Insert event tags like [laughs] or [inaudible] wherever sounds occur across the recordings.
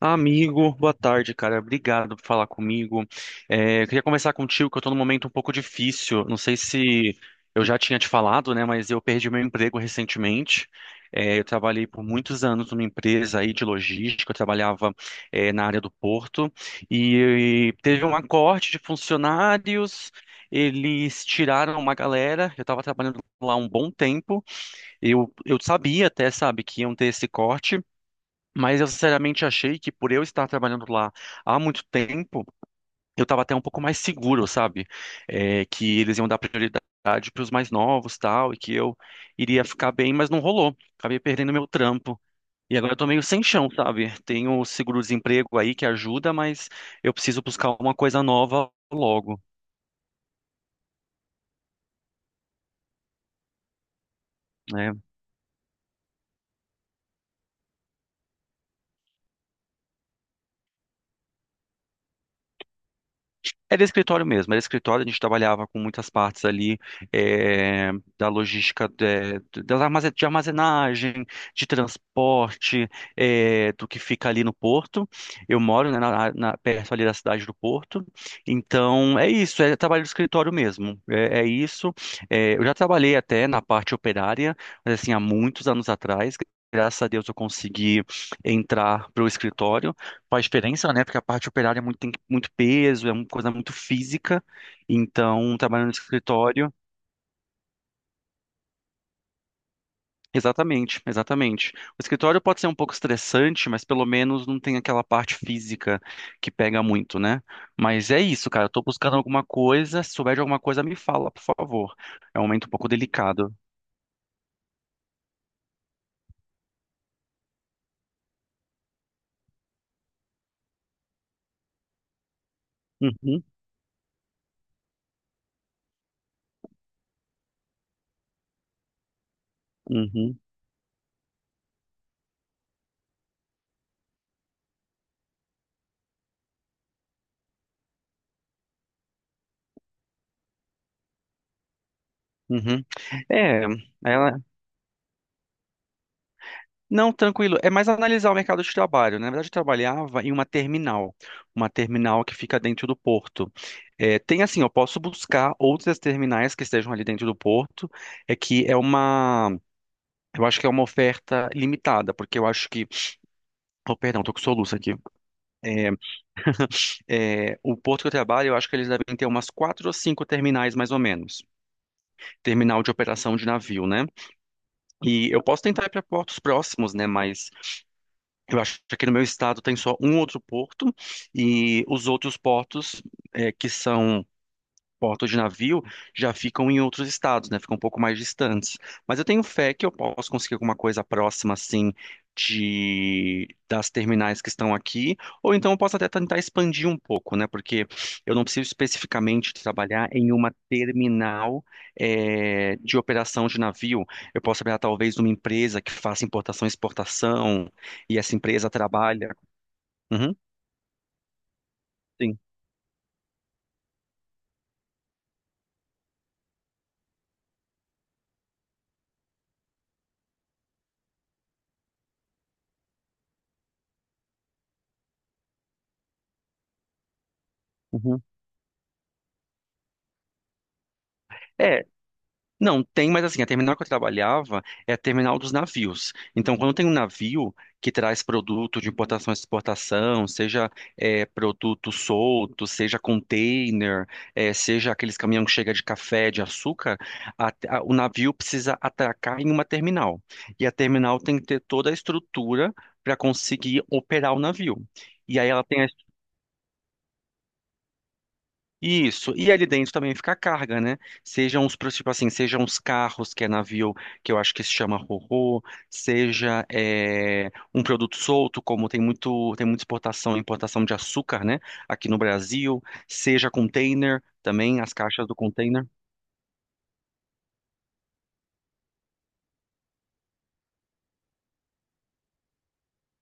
Amigo, boa tarde, cara. Obrigado por falar comigo. É, eu queria conversar contigo, que eu tô num momento um pouco difícil. Não sei se eu já tinha te falado, né? Mas eu perdi meu emprego recentemente. É, eu trabalhei por muitos anos numa empresa aí de logística, eu trabalhava, na área do porto, e, teve um acorte de funcionários. Eles tiraram uma galera, eu estava trabalhando lá um bom tempo, eu sabia até, sabe, que iam ter esse corte, mas eu sinceramente achei que por eu estar trabalhando lá há muito tempo, eu estava até um pouco mais seguro, sabe? É, que eles iam dar prioridade para os mais novos, tal, e que eu iria ficar bem, mas não rolou. Acabei perdendo meu trampo. E agora eu tô meio sem chão, sabe? Tenho o seguro-desemprego aí que ajuda, mas eu preciso buscar uma coisa nova logo, né? Era escritório mesmo, era escritório, a gente trabalhava com muitas partes ali eh, da logística das de armazenagem, de transporte, do que fica ali no porto. Eu moro, né, perto ali da cidade do Porto, então é isso, é trabalho de escritório mesmo, é isso. Eu já trabalhei até na parte operária, mas assim, há muitos anos atrás. Graças a Deus eu consegui entrar para o escritório. Faz diferença, né? Porque a parte operária é muito, tem muito peso, é uma coisa muito física. Então, trabalhando no escritório. Exatamente, exatamente. O escritório pode ser um pouco estressante, mas pelo menos não tem aquela parte física que pega muito, né? Mas é isso, cara. Eu tô buscando alguma coisa. Se souber de alguma coisa, me fala, por favor. É um momento um pouco delicado. Uhum, uhum, uhum. É, é, não, tranquilo. É mais analisar o mercado de trabalho, né? Na verdade, eu trabalhava em uma terminal que fica dentro do porto. É, tem assim, eu posso buscar outras terminais que estejam ali dentro do porto. É que é uma, eu acho que é uma oferta limitada, porque eu acho que, oh, perdão, tô com soluço aqui. É, é, o porto que eu trabalho, eu acho que eles devem ter umas quatro ou cinco terminais mais ou menos, terminal de operação de navio, né? E eu posso tentar ir para portos próximos, né? Mas eu acho que aqui no meu estado tem só um outro porto e os outros portos que são portos de navio já ficam em outros estados, né? Ficam um pouco mais distantes. Mas eu tenho fé que eu posso conseguir alguma coisa próxima, assim, de das terminais que estão aqui, ou então eu posso até tentar expandir um pouco, né? Porque eu não preciso especificamente trabalhar em uma terminal de operação de navio. Eu posso trabalhar talvez numa empresa que faça importação e exportação, e essa empresa trabalha. Uhum, sim. Uhum. É, não, tem, mas assim, a terminal que eu trabalhava é a terminal dos navios. Então, quando tem um navio que traz produto de importação e exportação, seja produto solto, seja container, seja aqueles caminhões que chegam de café, de açúcar, o navio precisa atracar em uma terminal. E a terminal tem que ter toda a estrutura para conseguir operar o navio. E aí ela tem isso, e ali dentro também fica a carga, né? Sejam os, tipo assim, sejam os carros, que é navio, que eu acho que se chama ro seja é, um produto solto, como tem muita exportação e importação de açúcar, né? Aqui no Brasil, seja container, também as caixas do container.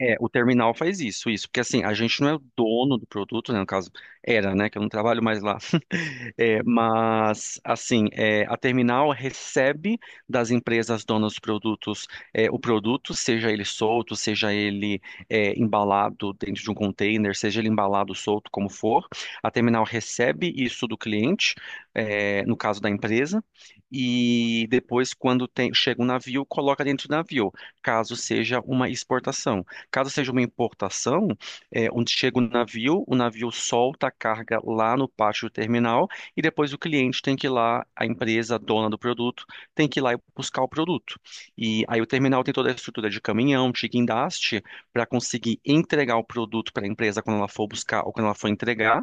É, o terminal faz isso, isso, porque assim, a gente não é o dono do produto, né, no caso, era, né, que eu não trabalho mais lá, [laughs] É, mas, assim, a terminal recebe das empresas donas de produtos o produto, seja ele solto, seja ele embalado dentro de um container, seja ele embalado solto, como for, a terminal recebe isso do cliente, no caso da empresa, e depois, quando chega um navio, coloca dentro do navio, caso seja uma exportação. Caso seja uma importação, onde chega o navio solta a carga lá no pátio do terminal e depois o cliente tem que ir lá, a empresa, a dona do produto, tem que ir lá e buscar o produto. E aí o terminal tem toda a estrutura de caminhão, de guindaste, para conseguir entregar o produto para a empresa quando ela for buscar ou quando ela for entregar.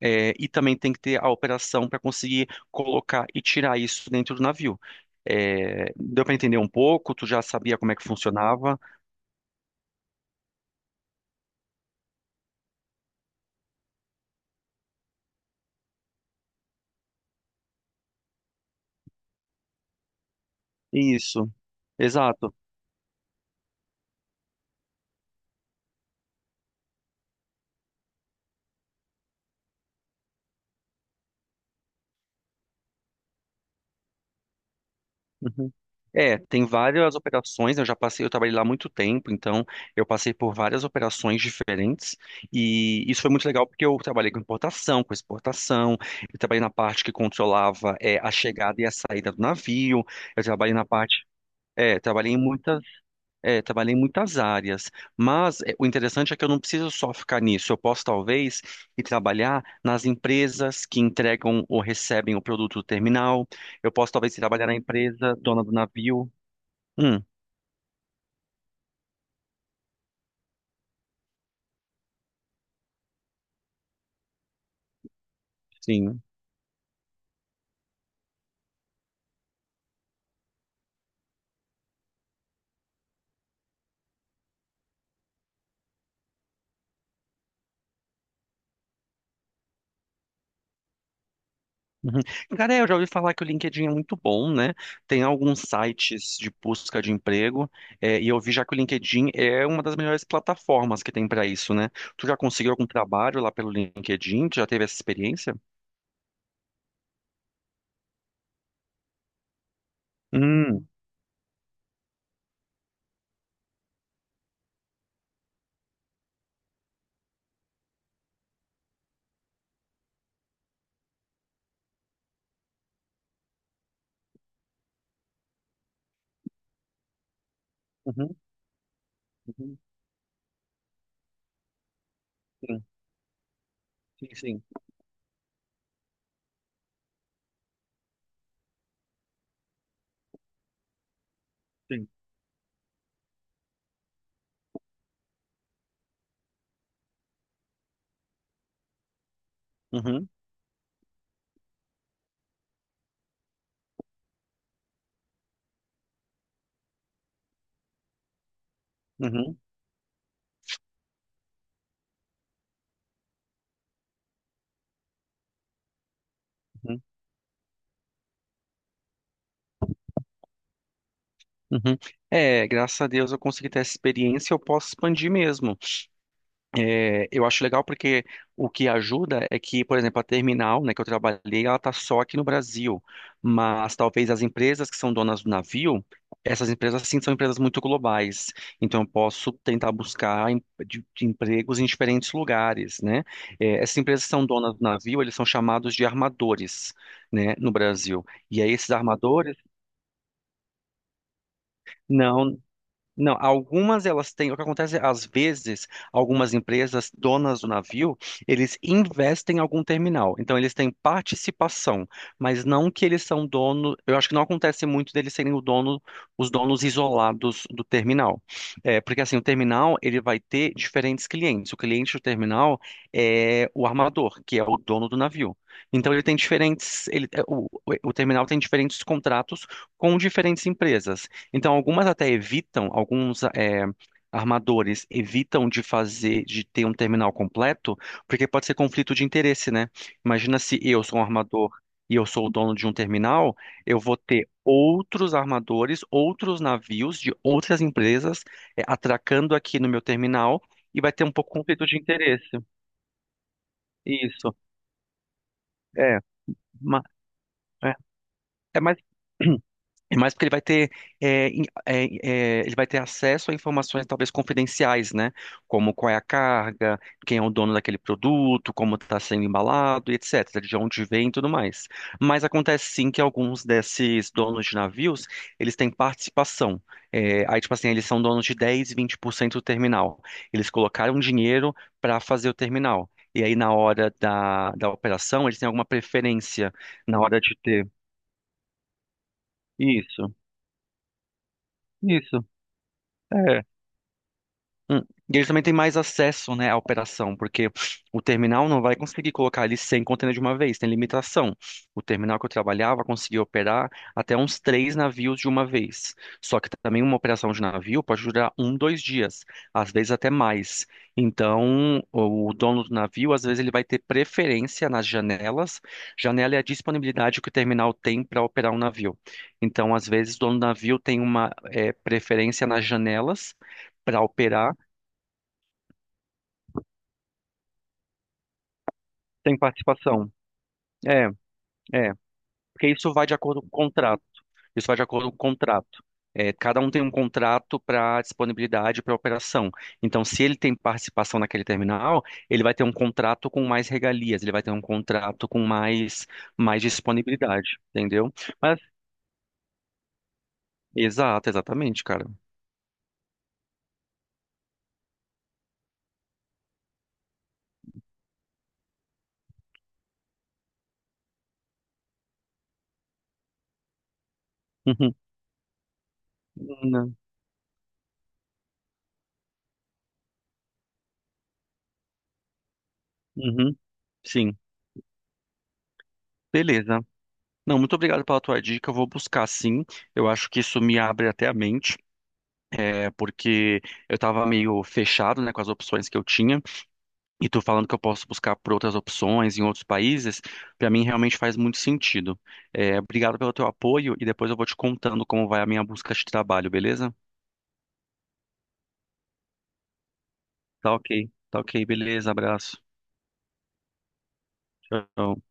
E também tem que ter a operação para conseguir colocar e tirar isso dentro do navio. É, deu para entender um pouco? Tu já sabia como é que funcionava? Isso, exato. Uhum. É, tem várias operações, eu já passei, eu trabalhei lá há muito tempo, então eu passei por várias operações diferentes e isso foi muito legal porque eu trabalhei com importação, com exportação, eu trabalhei na parte que controlava a chegada e a saída do navio, eu trabalhei na parte, é, trabalhei em muitas trabalhei em muitas áreas, mas o interessante é que eu não preciso só ficar nisso. Eu posso talvez ir trabalhar nas empresas que entregam ou recebem o produto do terminal. Eu posso talvez ir trabalhar na empresa dona do navio. Hum, sim. Uhum. Cara, eu já ouvi falar que o LinkedIn é muito bom, né? Tem alguns sites de busca de emprego, e eu vi já que o LinkedIn é uma das melhores plataformas que tem para isso, né? Tu já conseguiu algum trabalho lá pelo LinkedIn? Tu já teve essa experiência? Hum. Uhum, uhum. Sim, sim, sim. Uhum, uhum, uhum, uhum. É, graças a Deus eu consegui ter essa experiência, eu posso expandir mesmo. É, eu acho legal porque o que ajuda é que, por exemplo, a terminal, né, que eu trabalhei, ela está só aqui no Brasil, mas talvez as empresas que são donas do navio, essas empresas sim são empresas muito globais, então eu posso tentar buscar de empregos em diferentes lugares, né? É, essas empresas que são donas do navio, eles são chamados de armadores, né, no Brasil. E aí, esses armadores. Não, não. Algumas elas têm. O que acontece é, às vezes, algumas empresas donas do navio, eles investem em algum terminal. Então, eles têm participação, mas não que eles são dono. Eu acho que não acontece muito deles serem o dono, os donos isolados do terminal. É, porque assim, o terminal ele vai ter diferentes clientes. O cliente do terminal é o armador, que é o dono do navio. Então, ele tem diferentes. Ele, o terminal tem diferentes contratos com diferentes empresas. Então, algumas até evitam, alguns armadores evitam de fazer, de ter um terminal completo, porque pode ser conflito de interesse, né? Imagina se eu sou um armador e eu sou o dono de um terminal, eu vou ter outros armadores, outros navios de outras empresas atracando aqui no meu terminal e vai ter um pouco conflito de interesse. Isso. É, ma- é, é mais. [clears throat] É mais porque ele vai ter, é, in- é, acesso a informações talvez confidenciais, né? Como qual é a carga, quem é o dono daquele produto, como está sendo embalado, e etc., de onde vem e tudo mais. Mas acontece sim que alguns desses donos de navios, eles têm participação. É, aí, tipo assim, eles são donos de 10, 20% do terminal. Eles colocaram dinheiro para fazer o terminal. E aí, na hora da operação, eles têm alguma preferência na hora de ter. Isso, isso. É. Hum. E eles também têm mais acesso, né, à operação, porque o terminal não vai conseguir colocar ali 100 contêineres de uma vez, tem limitação. O terminal que eu trabalhava conseguia operar até uns três navios de uma vez. Só que também uma operação de navio pode durar um, dois dias, às vezes até mais. Então, o dono do navio, às vezes, ele vai ter preferência nas janelas. Janela é a disponibilidade que o terminal tem para operar um navio. Então, às vezes, o dono do navio tem uma, preferência nas janelas para operar. Tem participação. É, é. Porque isso vai de acordo com o contrato. Isso vai de acordo com o contrato. É, cada um tem um contrato para disponibilidade para operação. Então, se ele tem participação naquele terminal, ele vai ter um contrato com mais regalias, ele vai ter um contrato com mais, mais disponibilidade, entendeu? Mas, exato, exatamente, cara. Uhum. Não. Uhum. Sim. Beleza. Não, muito obrigado pela tua dica. Eu vou buscar sim. Eu acho que isso me abre até a mente. É porque eu tava meio fechado, né, com as opções que eu tinha, e tu falando que eu posso buscar por outras opções em outros países, pra mim realmente faz muito sentido. É, obrigado pelo teu apoio e depois eu vou te contando como vai a minha busca de trabalho, beleza? Tá ok, tá ok, beleza, abraço. Tchau.